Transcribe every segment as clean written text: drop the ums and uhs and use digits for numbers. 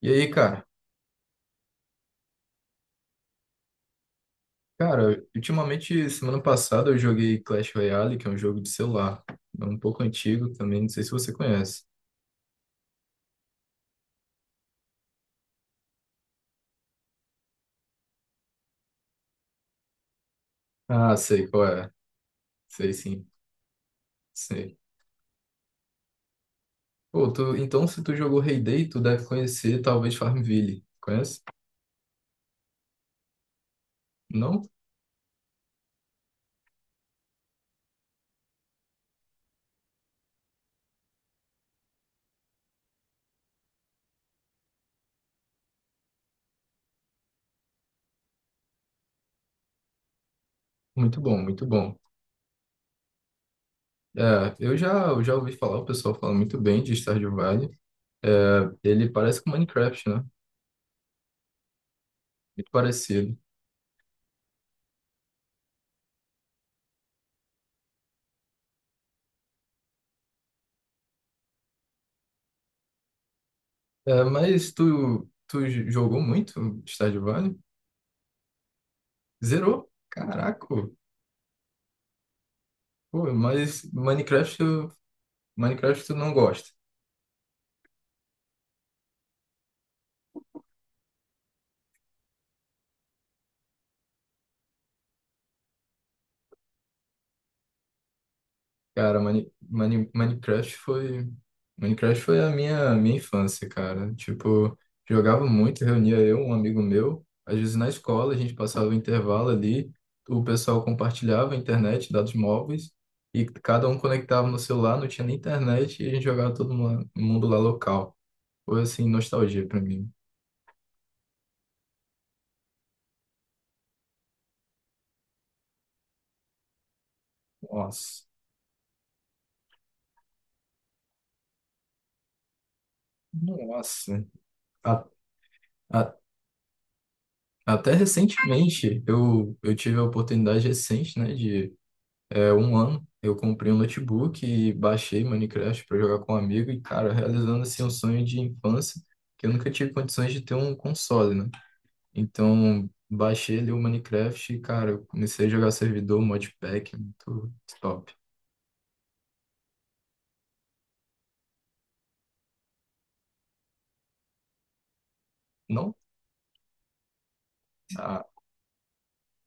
E aí, cara? Cara, ultimamente, semana passada eu joguei Clash Royale, que é um jogo de celular. É um pouco antigo também, não sei se você conhece. Ah, sei qual é. Sei sim, sei. Pô, então se tu jogou Hay tu deve conhecer talvez Farmville. Conhece? Não? Muito bom, muito bom. É, eu já ouvi falar, o pessoal fala muito bem de Stardew Valley. É, ele parece com Minecraft, né? Muito parecido. É, mas tu jogou muito Stardew Valley? Zerou? Caraca! Pô, mas Minecraft, Minecraft tu não gosta. Cara, Minecraft foi a minha infância, cara. Tipo, jogava muito, reunia eu, um amigo meu, às vezes na escola, a gente passava o intervalo ali, o pessoal compartilhava a internet, dados móveis, e cada um conectava no celular, não tinha nem internet, e a gente jogava todo mundo lá local. Foi assim, nostalgia pra mim. Nossa, nossa. A- Até recentemente, eu tive a oportunidade recente, né, de um ano, eu comprei um notebook e baixei Minecraft para jogar com um amigo e, cara, realizando assim um sonho de infância, que eu nunca tive condições de ter um console, né? Então, baixei ali o Minecraft e, cara, eu comecei a jogar servidor, modpack, muito top. Não, ah,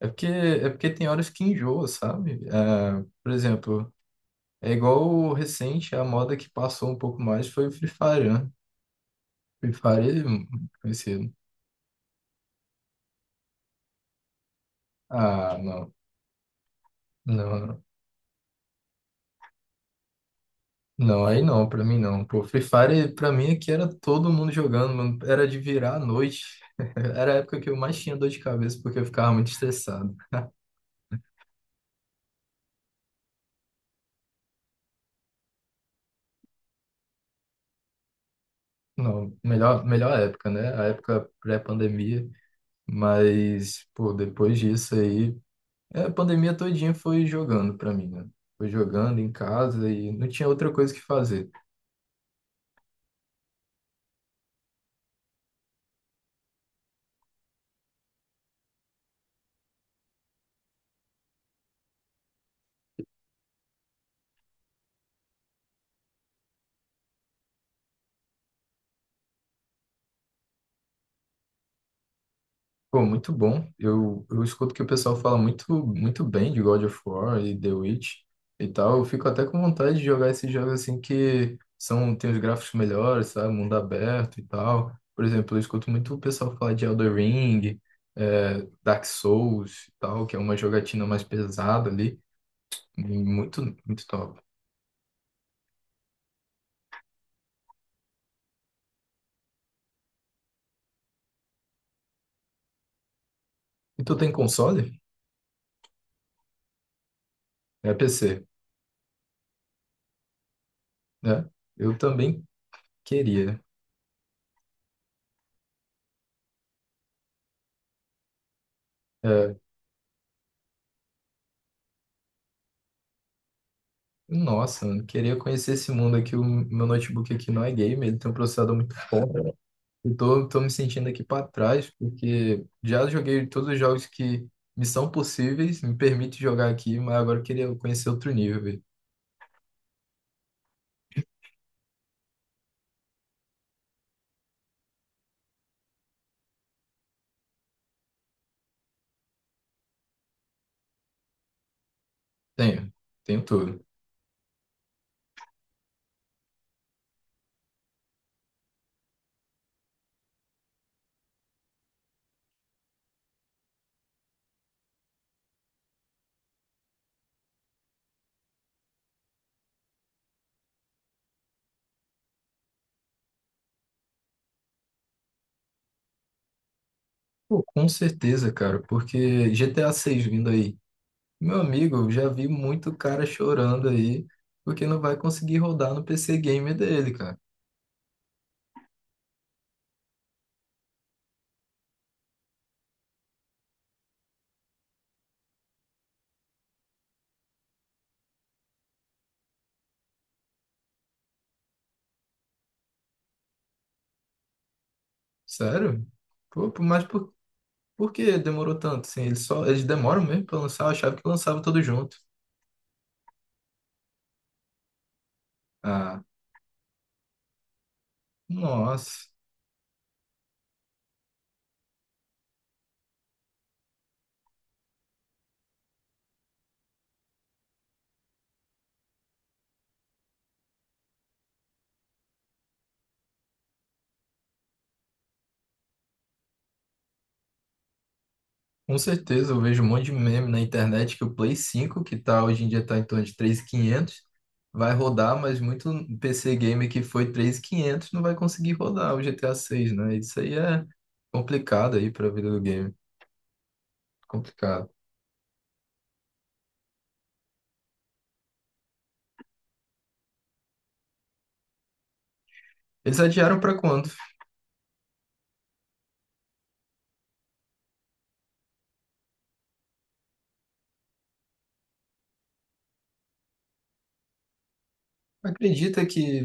é porque tem horas que enjoa, sabe? É, por exemplo, é igual o recente, a moda que passou um pouco mais foi o Free Fire, né? Free Fire é muito conhecido. Ah, não. Não, não. Não, aí não, pra mim não. Pô, Free Fire, pra mim, aqui era todo mundo jogando, mano. Era de virar à noite. Era a época que eu mais tinha dor de cabeça, porque eu ficava muito estressado. Não, melhor, melhor época, né? A época pré-pandemia. Mas, pô, depois disso aí. A pandemia todinha foi jogando pra mim, né? Foi jogando em casa e não tinha outra coisa que fazer. Pô, muito bom. Eu escuto que o pessoal fala muito, muito bem de God of War e The Witch e tal. Eu fico até com vontade de jogar esses jogos assim que são, tem os gráficos melhores, sabe? Mundo aberto e tal. Por exemplo, eu escuto muito o pessoal falar de Elden Ring, é Dark Souls e tal, que é uma jogatina mais pesada ali. Muito, muito top. E tu tem console? É PC, né? Eu também queria. É, Nossa, mano, queria conhecer esse mundo aqui. O meu notebook aqui não é gamer, ele tem um processador muito forte. Eu tô me sentindo aqui para trás, porque já joguei todos os jogos que me são possíveis, me permite jogar aqui, mas agora eu queria conhecer outro nível, velho. Tenho, tenho tudo. Pô, com certeza, cara, porque GTA 6 vindo aí. Meu amigo, eu já vi muito cara chorando aí, porque não vai conseguir rodar no PC gamer dele, cara. Sério? Pô, mas por que demorou tanto? Assim, eles demoram mesmo pra lançar, eu achava que lançava tudo junto. Ah, nossa. Com certeza, eu vejo um monte de meme na internet que o Play 5, hoje em dia tá em torno de 3.500, vai rodar, mas muito PC game que foi 3.500 não vai conseguir rodar o GTA 6, né? Isso aí é complicado aí pra vida do game, complicado. Eles adiaram pra quando? Acredita que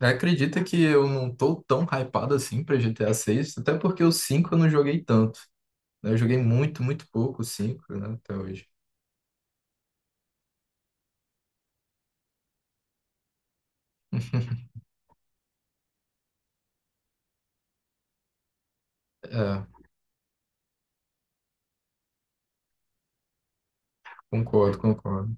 acredita que eu não tô tão hypado assim pra GTA 6, até porque o 5 eu não joguei tanto. Eu joguei muito, muito pouco o 5, né, até hoje. É, concordo, concordo.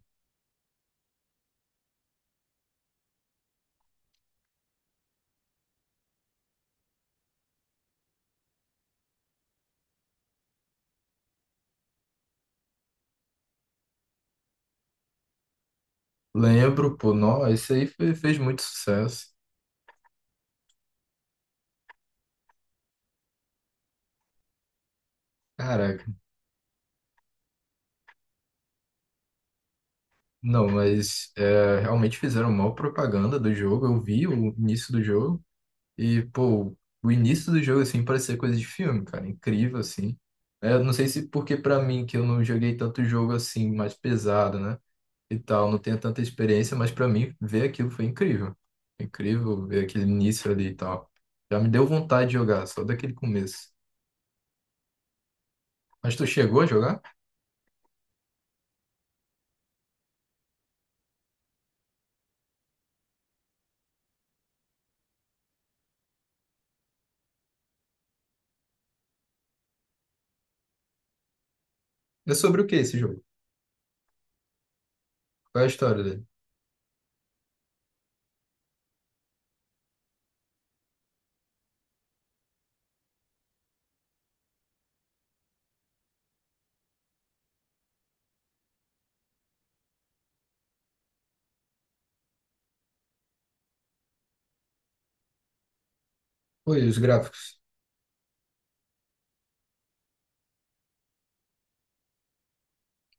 Lembro, pô, nossa, esse aí fez muito sucesso. Caraca, não, mas é, realmente fizeram mal propaganda do jogo. Eu vi o início do jogo. E, pô, o início do jogo, assim, parecia coisa de filme, cara. Incrível, assim. É, eu não sei se porque pra mim, que eu não joguei tanto jogo assim, mais pesado, né? E tal, não tenho tanta experiência, mas pra mim, ver aquilo foi incrível. Incrível ver aquele início ali e tal. Já me deu vontade de jogar, só daquele começo. Mas tu chegou a jogar? É sobre o que esse jogo? Qual é a história dele? Foi os gráficos.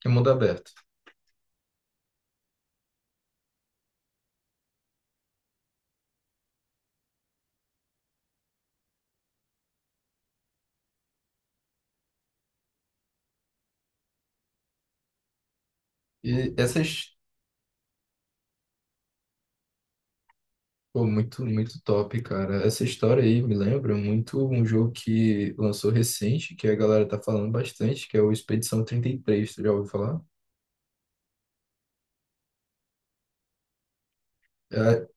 É mundo aberto. E essas Pô, muito, muito top, cara. Essa história aí me lembra muito um jogo que lançou recente, que a galera tá falando bastante, que é o Expedição 33, tu já ouviu falar? A,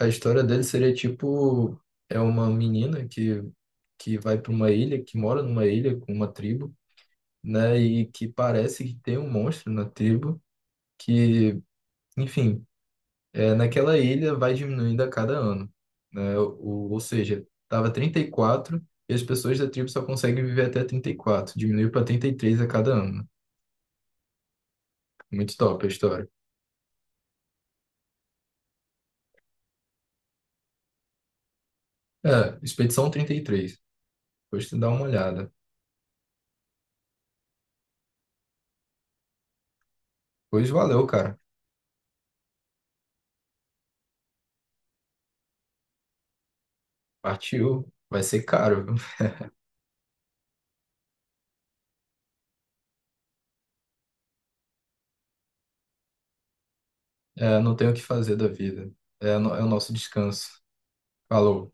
a história dele seria tipo, é uma menina que, vai para uma ilha, que mora numa ilha com uma tribo, né? E que parece que tem um monstro na tribo, que, enfim, naquela ilha vai diminuindo a cada ano, né? Ou seja, estava 34 e as pessoas da tribo só conseguem viver até 34. Diminuiu para 33 a cada ano. Muito top a história. É, Expedição 33. Depois tu dá uma olhada. Pois valeu, cara. Partiu. Vai ser caro, viu? É, não tem o que fazer da vida. É, é o nosso descanso. Falou.